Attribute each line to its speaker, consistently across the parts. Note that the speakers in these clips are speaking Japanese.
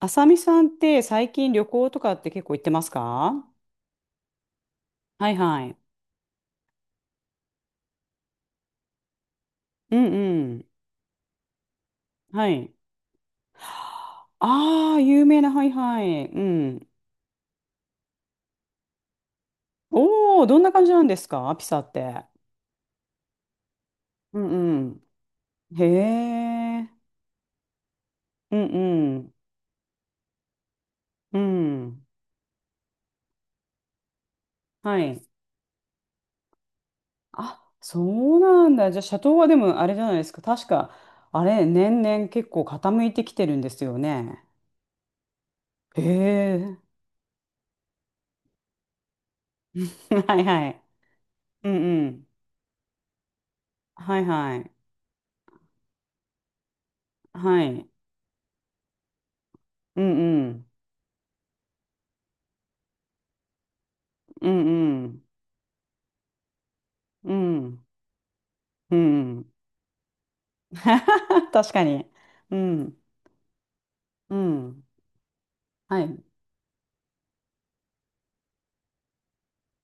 Speaker 1: あさみさんって最近旅行とかって結構行ってますか？はいはい。うんうん。はい。ああ、有名な、はいはい。うん。おお、どんな感じなんですかピサって。うんうん。へえ。うんうん。うん。はい。あ、そうなんだ。じゃあ、シャトーはでもあれじゃないですか。確か、あれ、年々結構傾いてきてるんですよね。へえ。はいはい。うんうん。はいはい。はい。うんうん。うんうん。うん。うん。確かに。うん。うん。はい。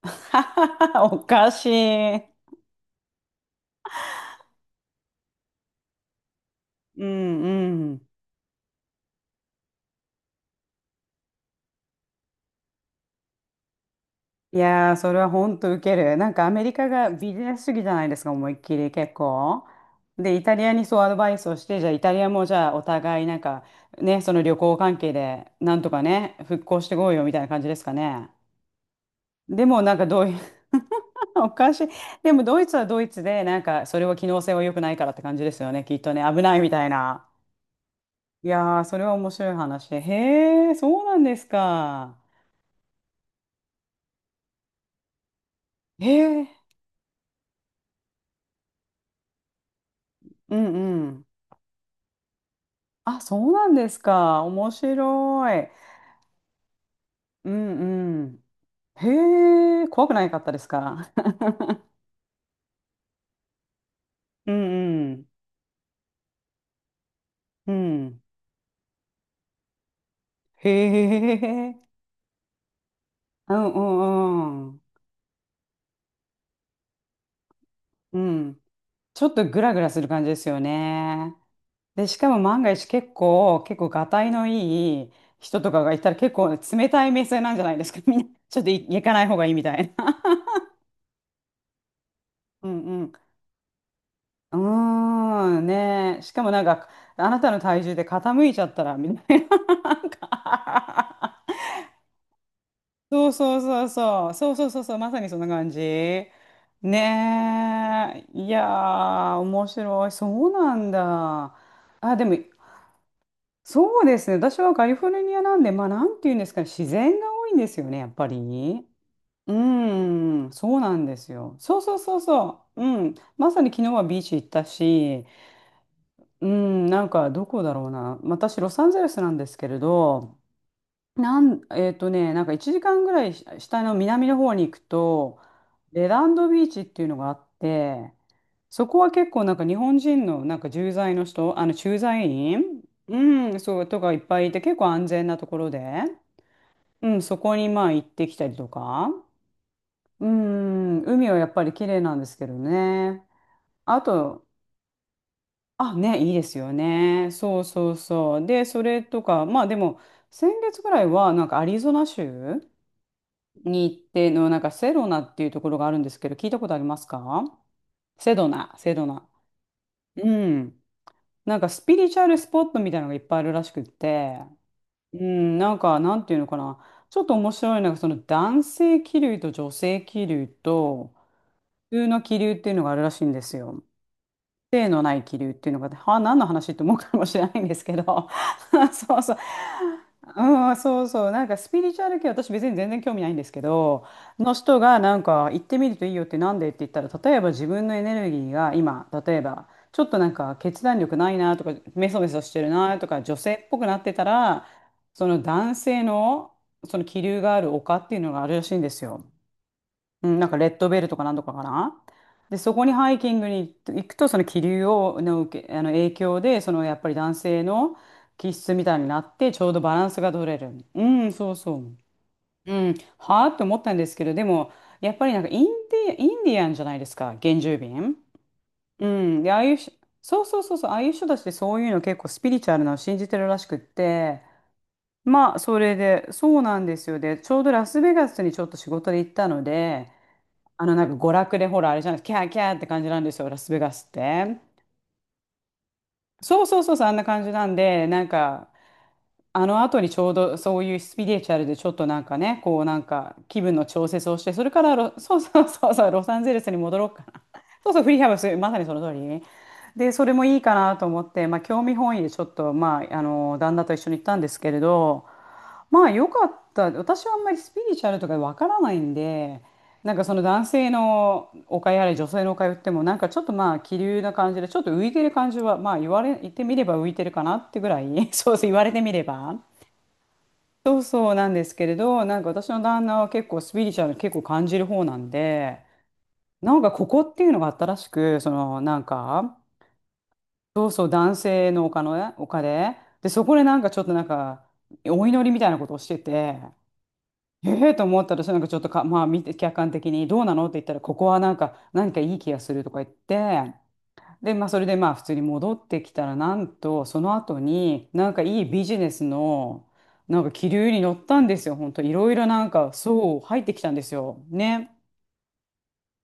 Speaker 1: おかしい。うんうん。いやー、それは本当ウケる。なんかアメリカがビジネス主義じゃないですか、思いっきり結構。で、イタリアにそうアドバイスをして、じゃあイタリアもじゃあお互いなんかね、その旅行関係でなんとかね、復興してこうよみたいな感じですかね。でもなんかドイ おかしい。でもドイツはドイツで、なんかそれは機能性は良くないからって感じですよね。きっとね、危ないみたいな。いやー、それは面白い話。へえ、そうなんですか。へえ、うんうん。あ、そうなんですか。面白い。うんうん。へえ、怖くないかったですか？うんうん。うん。へえ。うんうんうん。うん。ちょっとグラグラする感じですよね。で、しかも万が一結構、結構がたいのいい人とかがいたら結構冷たい目線なんじゃないですか。みんな、ちょっと行かない方がいいみたいな。うんうん。うーん、ねえ。しかもなんか、あなたの体重で傾いちゃったら、みたいな。なんかそうそうそうそう。そうそうそうそう。まさにそんな感じ。ねえ。いやー、面白い。そうなんだ。あ、でも、そうですね。私はカリフォルニアなんで、まあ、なんていうんですかね、自然が多いんですよね、やっぱりね。うーん、そうなんですよ。そうそうそうそう。うん、まさに昨日はビーチ行ったし、うん、なんかどこだろうな。私、ロサンゼルスなんですけれど、えっとね、なんか1時間ぐらいし下の南の方に行くと、レランドビーチっていうのがあって、そこは結構なんか日本人のなんか駐在の人、あの駐在員、うん、そうとかいっぱいいて結構安全なところで、うん、そこにまあ行ってきたりとか、うん、海はやっぱり綺麗なんですけどね。あと、あ、ね、いいですよね。そうそうそう。で、それとか、まあでも先月ぐらいはなんかアリゾナ州に行ってのなんかセドナっていうところがあるんですけど、聞いたことありますか？セドナ、セドナ。うん。なんかスピリチュアルスポットみたいなのがいっぱいあるらしくって、うん、なんか、なんていうのかな。ちょっと面白いのが、その男性気流と女性気流と、普通の気流っていうのがあるらしいんですよ。性のない気流っていうのが、は何の話って思うかもしれないんですけど、そうそう。うん、そうそう、なんかスピリチュアル系、私別に全然興味ないんですけど、の人がなんか行ってみるといいよってなんでって言ったら、例えば自分のエネルギーが今、例えばちょっとなんか決断力ないなとか、メソメソしてるなとか、女性っぽくなってたら、その男性のその気流がある丘っていうのがあるらしいんですよ。うん、なんかレッドベルとかなんとかかな。で、そこにハイキングに行くと、その気流をの受け、あの影響で、そのやっぱり男性の気質みたいになって、ちょうどバランスが取れる。うん、そうそう。うん、はあって思ったんですけど、でも、やっぱりなんかインディアンじゃないですか、原住民。うん、で、ああいうし、そうそうそうそう、ああいう人たちってそういうの結構スピリチュアルなのを信じてるらしくって、まあ、それで、そうなんですよ。で、ちょうどラスベガスにちょっと仕事で行ったので、あの、なんか娯楽で、ほら、あれじゃないですか、キャーキャーって感じなんですよ、ラスベガスって。そうそうそうそう、あんな感じなんで、なんか、あの後にちょうどそういうスピリチュアルでちょっとなんかね、こうなんか気分の調節をして、それからロ、そうそうそうそう、ロサンゼルスに戻ろうかな。そうそう、フリーハウス、まさにその通り。で、それもいいかなと思って、まあ興味本位でちょっと、まあ、あの、旦那と一緒に行ったんですけれど、まあ良かった。私はあんまりスピリチュアルとかわからないんで、なんかその男性のお買いあれ、女性のお買い売っても、なんかちょっとまあ気流な感じで、ちょっと浮いてる感じは、言ってみれば浮いてるかなってぐらい、そうそう言われてみれば。そうそうなんですけれど、なんか私の旦那は結構スピリチュアル結構感じる方なんで、なんかここっていうのがあったらしく、そのなんか、そうそう男性のおのね、おで、で、そこでなんかちょっとなんか、お祈りみたいなことをしてて、ええと思ったら、それなんかちょっとか、まあ見て、客観的にどうなのって言ったら、ここはなんか、何かいい気がするとか言って、で、まあそれでまあ普通に戻ってきたら、なんと、その後に、なんかいいビジネスの、なんか気流に乗ったんですよ。本当いろいろなんか、そう、入ってきたんですよ。ね。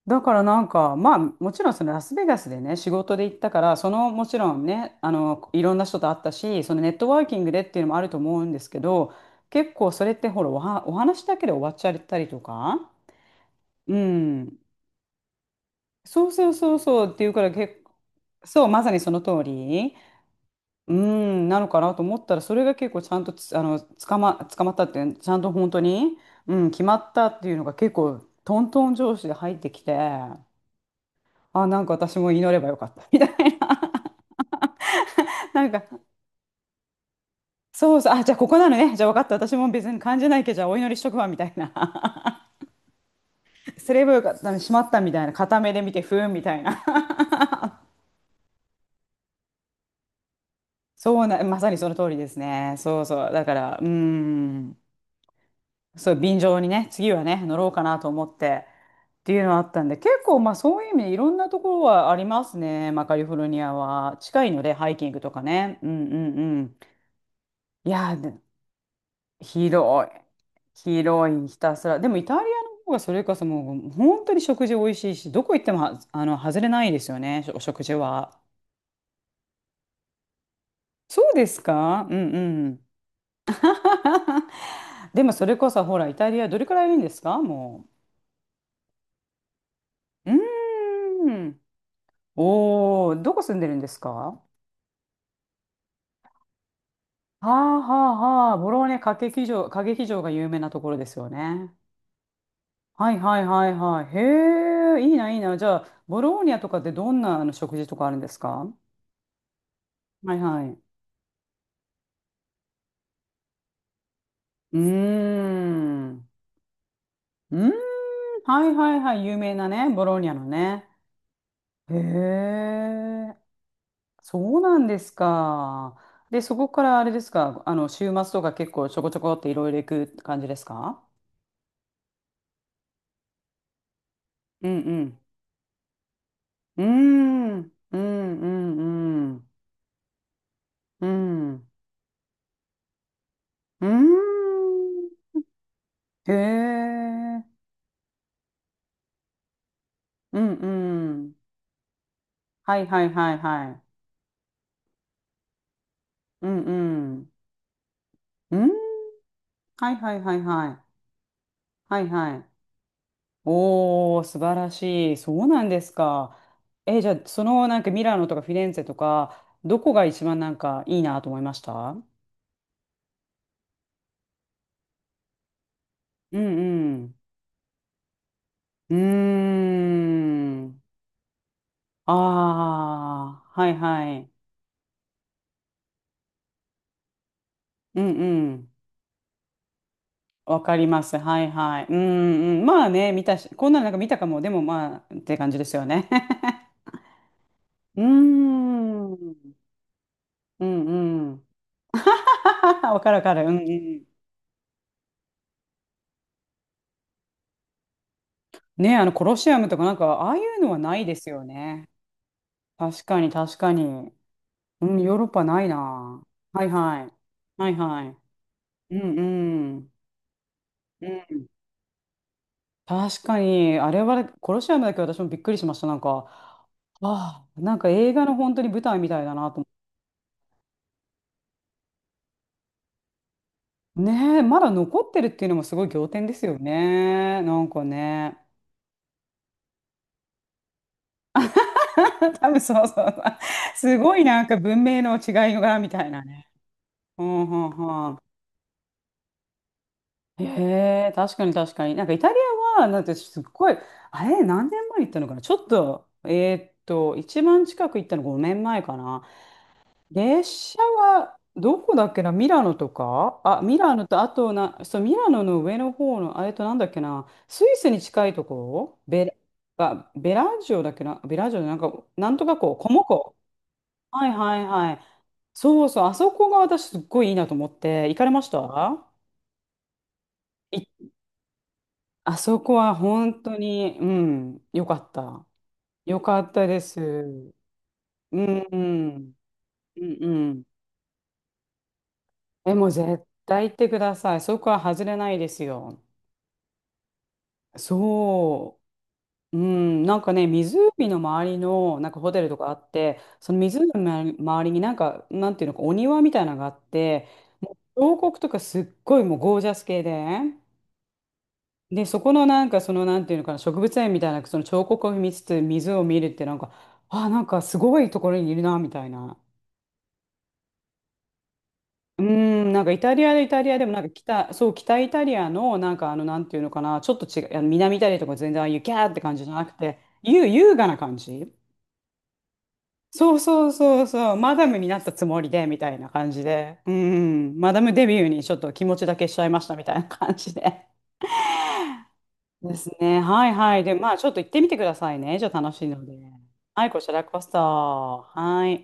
Speaker 1: だからなんか、まあ、もちろんそのラスベガスでね、仕事で行ったから、そのもちろんね、あの、いろんな人と会ったし、そのネットワーキングでっていうのもあると思うんですけど、結構それってほら、お話だけで終わっちゃったりとか、うん、そうそうそうそうっていうから結構、そう、まさにその通り、うん、なのかなと思ったら、それが結構ちゃんとつ、あの、捕まったっていう、ちゃんと本当に、うん、決まったっていうのが結構、トントン上司で入ってきて、あ、なんか私も祈ればよかった。みたいな。なんか、そうそう。あ、じゃあここなのね。じゃあ分かった。私も別に感じないけど、じゃあお祈りしとくわ。みたいな。すればよかった。しまった。みたいな。片目で見て、ふーん。みたいな。そうな、まさにその通りですね。そうそう。だから、うーん。そう、便乗にね、次はね、乗ろうかなと思って。っていうのはあったんで、結構まあそういう意味でいろんなところはありますね。まあカリフォルニアは。近いので、ハイキングとかね。うんうんうん。いやー、で広い。広い、ひたすら。でもイタリアの方がそれこそもう本当に食事美味しいし、どこ行っても、は、外れないですよね、お食事は。そうですか、うんうん。でもそれこそほら、イタリアどれくらいいるんですか？もう、うーん。おお、どこ住んでるんですか？はあはあはあ、ボローニャ歌劇場、歌劇場が有名なところですよね。はいはいはいはい。へえ、いいな、いいな。じゃあ、ボローニャとかってどんな食事とかあるんですか？はいはい。うーん。うーん。はいはいはい。有名なね、ボローニャのね。へえ。そうなんですか。で、そこからあれですか。週末とか結構ちょこちょこっていろいろ行く感じですか？うんうん。うーん。うんうんうん。うん。うーん。へえ。うんうん。はいはいはいはい。うんうん。うん。はいはいはいはい。はいはい。おー、素晴らしい。そうなんですか。え、じゃあ、そのなんかミラノとかフィレンツェとか、どこが一番なんかいいなと思いました？うんうん。うーん。ああ、はいはい。うんうん。わかります。はいはい。うんうん。まあね、見たし、こんなのなんか見たかも。でもまあ、って感じですよね。うーん。うんうん。わかるわかる。うんうん。ね、コロシアムとかなんか、ああいうのはないですよね。確かに、確かに。うん、ヨーロッパないな。はいはい。はいはい。うんうん。うん、確かに、あれは、コロシアムだけ私もびっくりしました。なんか、ああ、なんか映画の本当に舞台みたいだなと思って。ねえ、まだ残ってるっていうのもすごい仰天ですよね。なんかね。多分そうそうそう。すごいなんか文明の違いが、みたいなね。うんうん、へえ、確かに確かに。なんかイタリアは、なんてすっごい、あれ、何年前に行ったのかなちょっと、一番近く行ったの5年前かな。列車は、どこだっけな、ミラノとか、あ、ミラノと、あとな、そう、ミラノの上の方の、あれとなんだっけな、スイスに近いところ、ベラ、あ、ベラジオだっけな、ベラジオでなんか、なんとかこう、コモコ。はいはいはい。そうそう、あそこが私すっごいいいなと思って、行かれました？行っ、あそこは本当に、うん、よかった。よかったです。うんうん、うんうん。え、もう絶対行ってください。そこは外れないですよ。そう。うん、なんかね、湖の周りのなんかホテルとかあって、その湖の周りになんか、なんていうのか、お庭みたいなのがあって、もう彫刻とかすっごいもうゴージャス系で、で、そこのなんかその、なんていうのかな、植物園みたいなその彫刻を見つつ水を見るってなんか、あ、なんかすごいところにいるなみたいな。うーん、なんかイタリアで、イタリアでもなんか北、そう北イタリアのなんかなんていうのかな、ちょっと違う、南イタリアとか全然ああいうキャーって感じじゃなくて、優、優雅な感じ。そうそうそうそう、マダムになったつもりでみたいな感じで、うん、マダムデビューにちょっと気持ちだけしちゃいましたみたいな感じで。ですね。はいはい。で、まあ、ちょっと行ってみてくださいね。じゃあ楽しいので。はい、こちらこそ。はい。